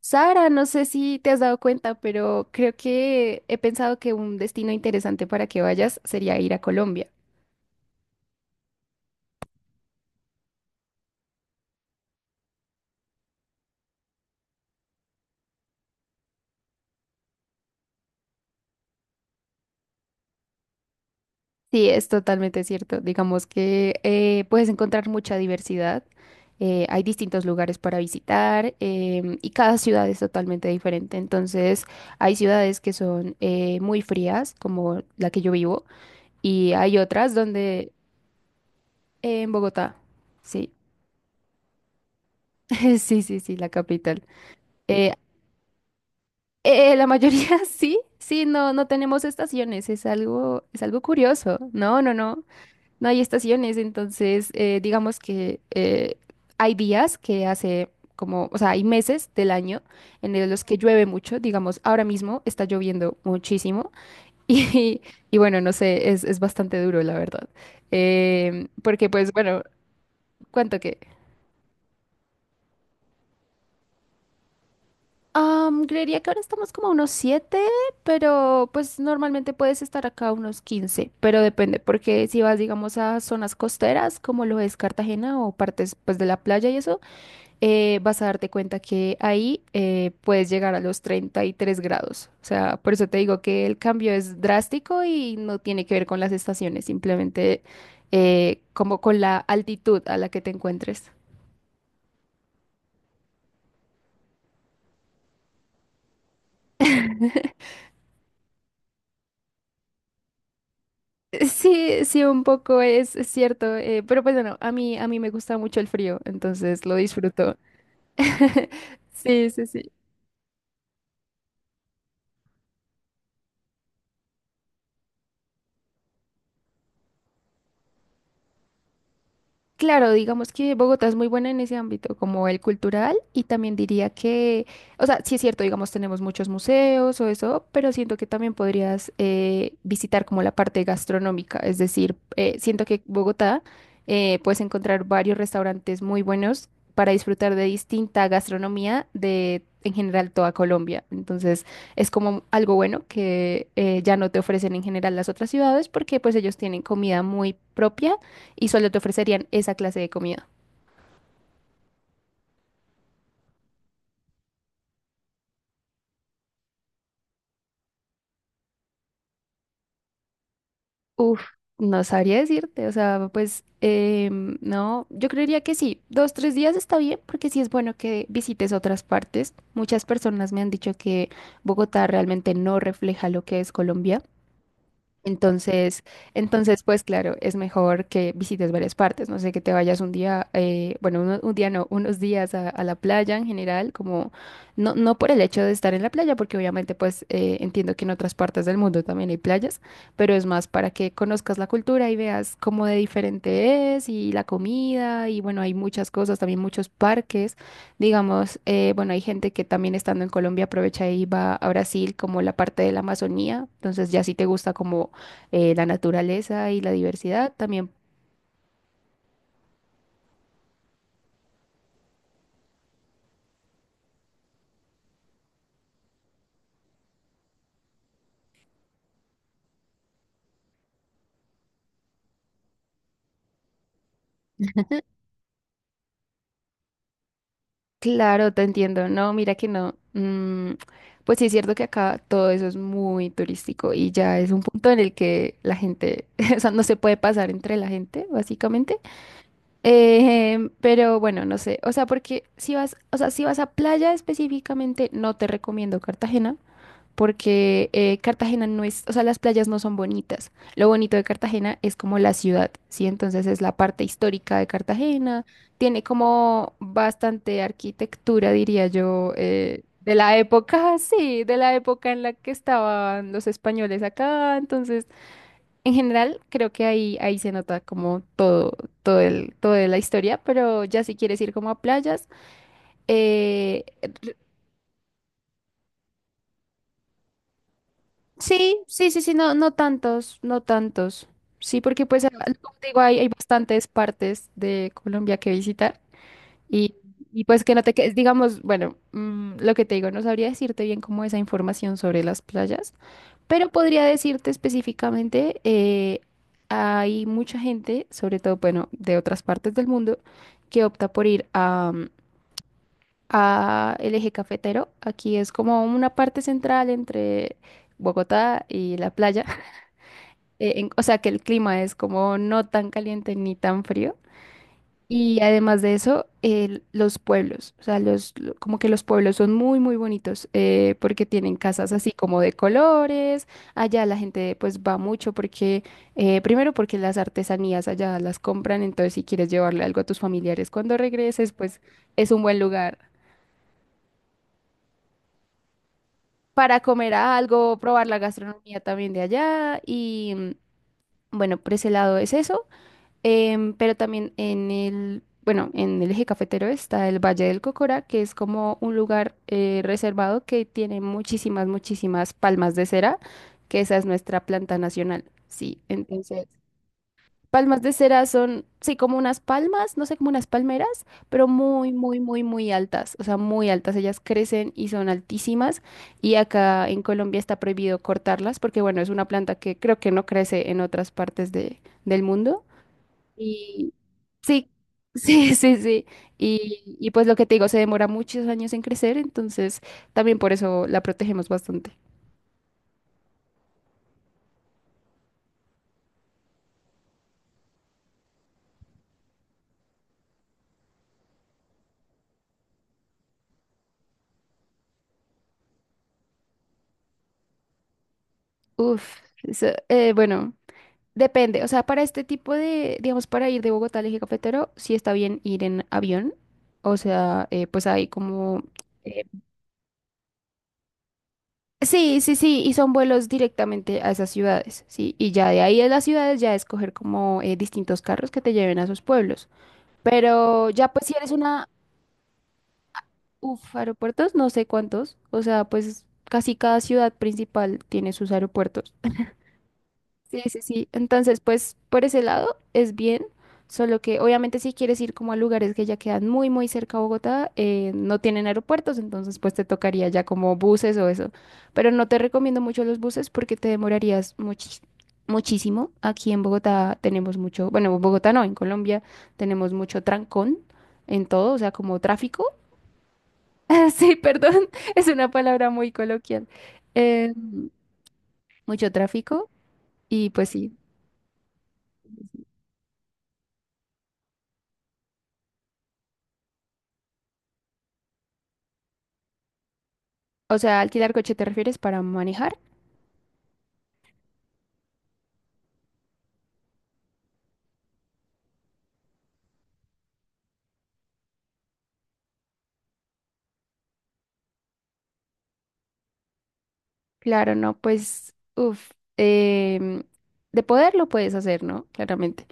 Sara, no sé si te has dado cuenta, pero creo que he pensado que un destino interesante para que vayas sería ir a Colombia. Sí, es totalmente cierto. Digamos que puedes encontrar mucha diversidad. Hay distintos lugares para visitar, y cada ciudad es totalmente diferente. Entonces, hay ciudades que son muy frías, como la que yo vivo, y hay otras donde en Bogotá. Sí, sí, sí, sí, la capital. Eh, la mayoría sí, sí, no, no tenemos estaciones, es algo curioso. No, no, no, no hay estaciones, entonces digamos que hay días que hace como, o sea, hay meses del año los que llueve mucho, digamos, ahora mismo está lloviendo muchísimo y, y bueno, no sé, es bastante duro, la verdad. Porque pues bueno, ¿cuánto que? Am, creería que ahora estamos como a unos 7, pero pues normalmente puedes estar acá a unos 15, pero depende, porque si vas, digamos, a zonas costeras, como lo es Cartagena o partes pues de la playa y eso, vas a darte cuenta que ahí puedes llegar a los 33 grados. O sea, por eso te digo que el cambio es drástico y no tiene que ver con las estaciones, simplemente como con la altitud a la que te encuentres. Sí, sí, un poco es cierto, pero pues bueno, a mí me gusta mucho el frío, entonces lo disfruto. Sí, sí, sí. Claro, digamos que Bogotá es muy buena en ese ámbito, como el cultural, y también diría que, o sea, sí es cierto, digamos, tenemos muchos museos o eso, pero siento que también podrías visitar como la parte gastronómica, es decir, siento que Bogotá puedes encontrar varios restaurantes muy buenos para disfrutar de distinta gastronomía de, en general, toda Colombia. Entonces, es como algo bueno que ya no te ofrecen en general las otras ciudades porque pues ellos tienen comida muy propia y solo te ofrecerían esa clase de comida. Uf, no sabría decirte, o sea, pues no, yo creería que sí, dos, tres días está bien, porque sí es bueno que visites otras partes. Muchas personas me han dicho que Bogotá realmente no refleja lo que es Colombia. Entonces, entonces, pues claro, es mejor que visites varias partes, no sé, que te vayas un día, bueno, día no, unos días a la playa en general, como no, no por el hecho de estar en la playa, porque obviamente pues entiendo que en otras partes del mundo también hay playas, pero es más para que conozcas la cultura y veas cómo de diferente es y la comida y bueno, hay muchas cosas, también muchos parques, digamos, bueno, hay gente que también estando en Colombia aprovecha y va a Brasil como la parte de la Amazonía, entonces ya si te gusta como la naturaleza y la diversidad también. Claro, te entiendo. No, mira que no. Mm, pues sí es cierto que acá todo eso es muy turístico y ya es un punto en el que la gente, o sea, no se puede pasar entre la gente, básicamente. Pero bueno, no sé. O sea, porque si vas, o sea, si vas a playa específicamente, no te recomiendo Cartagena porque Cartagena no es, o sea, las playas no son bonitas. Lo bonito de Cartagena es como la ciudad, ¿sí? Entonces es la parte histórica de Cartagena, tiene como bastante arquitectura, diría yo, de la época, sí, de la época en la que estaban los españoles acá. Entonces, en general, creo que ahí, ahí se nota como todo, todo el, toda la historia, pero ya si quieres ir como a playas, eh, sí, sí, sí, sí, no, no tantos, no tantos. Sí, porque pues, ah, como te digo, hay bastantes partes de Colombia que visitar y, y pues que no te quedes, digamos, bueno, mm, lo que te digo, no sabría decirte bien como esa información sobre las playas, pero podría decirte específicamente, hay mucha gente, sobre todo, bueno, de otras partes del mundo, que opta por ir a, mm, a el eje cafetero. Aquí es como una parte central entre Bogotá y la playa o sea, que el clima es como no tan caliente ni tan frío. Y además de eso, los pueblos, o sea, los, como que los pueblos son muy, muy bonitos porque tienen casas así como de colores. Allá la gente pues va mucho porque, primero porque las artesanías allá las compran, entonces si quieres llevarle algo a tus familiares cuando regreses, pues es un buen lugar para comer algo, probar la gastronomía también de allá. Y mm, bueno, por ese lado es eso. Pero también en el, bueno, en el eje cafetero está el Valle del Cocora, que es como un lugar reservado que tiene muchísimas, muchísimas palmas de cera, que esa es nuestra planta nacional. Sí, entonces, palmas de cera son, sí, como unas palmas, no sé, como unas palmeras, pero muy, muy, muy, muy altas, o sea, muy altas. Ellas crecen y son altísimas y acá en Colombia está prohibido cortarlas porque, bueno, es una planta que creo que no crece en otras partes de, del mundo. Y, sí, sí, sí, sí. Y pues lo que te digo, se demora muchos años en crecer, entonces también por eso la protegemos bastante. Uf, eso, bueno, depende. O sea, para este tipo de, digamos, para ir de Bogotá al eje cafetero, sí está bien ir en avión. O sea, pues hay como... eh, sí, sí, sí, y son vuelos directamente a esas ciudades, ¿sí? Y ya de ahí a las ciudades ya escoger como distintos carros que te lleven a sus pueblos. Pero ya pues si eres una uf, aeropuertos, no sé cuántos. O sea, pues casi cada ciudad principal tiene sus aeropuertos. Sí, sí, sí. Entonces, pues por ese lado es bien. Solo que obviamente si quieres ir como a lugares que ya quedan muy, muy cerca a Bogotá, no tienen aeropuertos, entonces pues te tocaría ya como buses o eso. Pero no te recomiendo mucho los buses porque te demorarías muchísimo. Aquí en Bogotá tenemos mucho, bueno, en Bogotá no, en Colombia tenemos mucho trancón en todo, o sea, como tráfico. Sí, perdón, es una palabra muy coloquial. Eh, Mucho tráfico y pues sí. O sea, alquilar coche te refieres para manejar. Claro, no, pues, uff, de poder lo puedes hacer, ¿no? Claramente.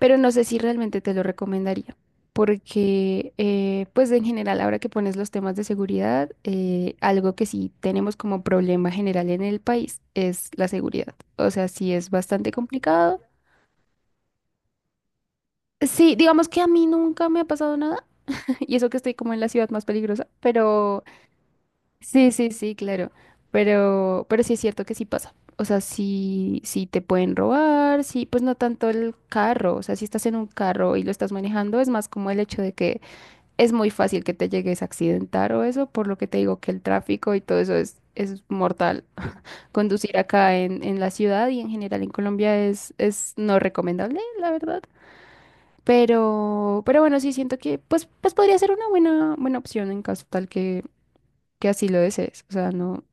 Pero no sé si realmente te lo recomendaría. Porque, pues en general, ahora que pones los temas de seguridad, algo que sí tenemos como problema general en el país es la seguridad. O sea, sí es bastante complicado. Sí, digamos que a mí nunca me ha pasado nada y eso que estoy como en la ciudad más peligrosa, pero sí, sí, sí, claro. Pero sí es cierto que sí pasa. O sea, sí, sí te pueden robar, sí, pues no tanto el carro. O sea, si estás en un carro y lo estás manejando, es más como el hecho de que es muy fácil que te llegues a accidentar o eso, por lo que te digo que el tráfico y todo eso es mortal. Conducir acá en la ciudad y en general en Colombia es no recomendable, la verdad. Pero bueno, sí siento que pues, pues podría ser una buena, buena opción en caso tal que así lo desees. O sea, no.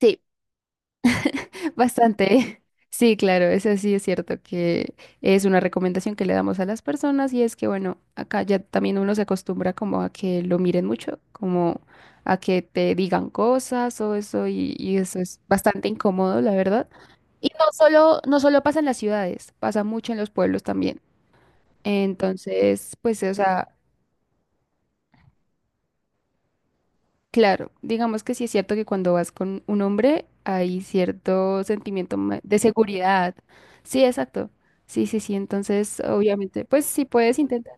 Sí, bastante. Sí, claro, eso sí es cierto que es una recomendación que le damos a las personas y es que, bueno, acá ya también uno se acostumbra como a que lo miren mucho, como a que te digan cosas o eso y eso es bastante incómodo, la verdad. Y no solo, no solo pasa en las ciudades, pasa mucho en los pueblos también. Entonces, pues, o sea, claro, digamos que sí es cierto que cuando vas con un hombre hay cierto sentimiento de seguridad. Sí, exacto. Sí, sí, sí. Entonces, obviamente, pues sí puedes intentar.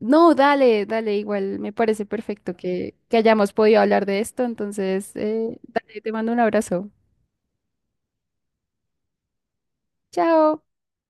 No, dale, dale, igual me parece perfecto que hayamos podido hablar de esto. Entonces, dale, te mando un abrazo. Chao.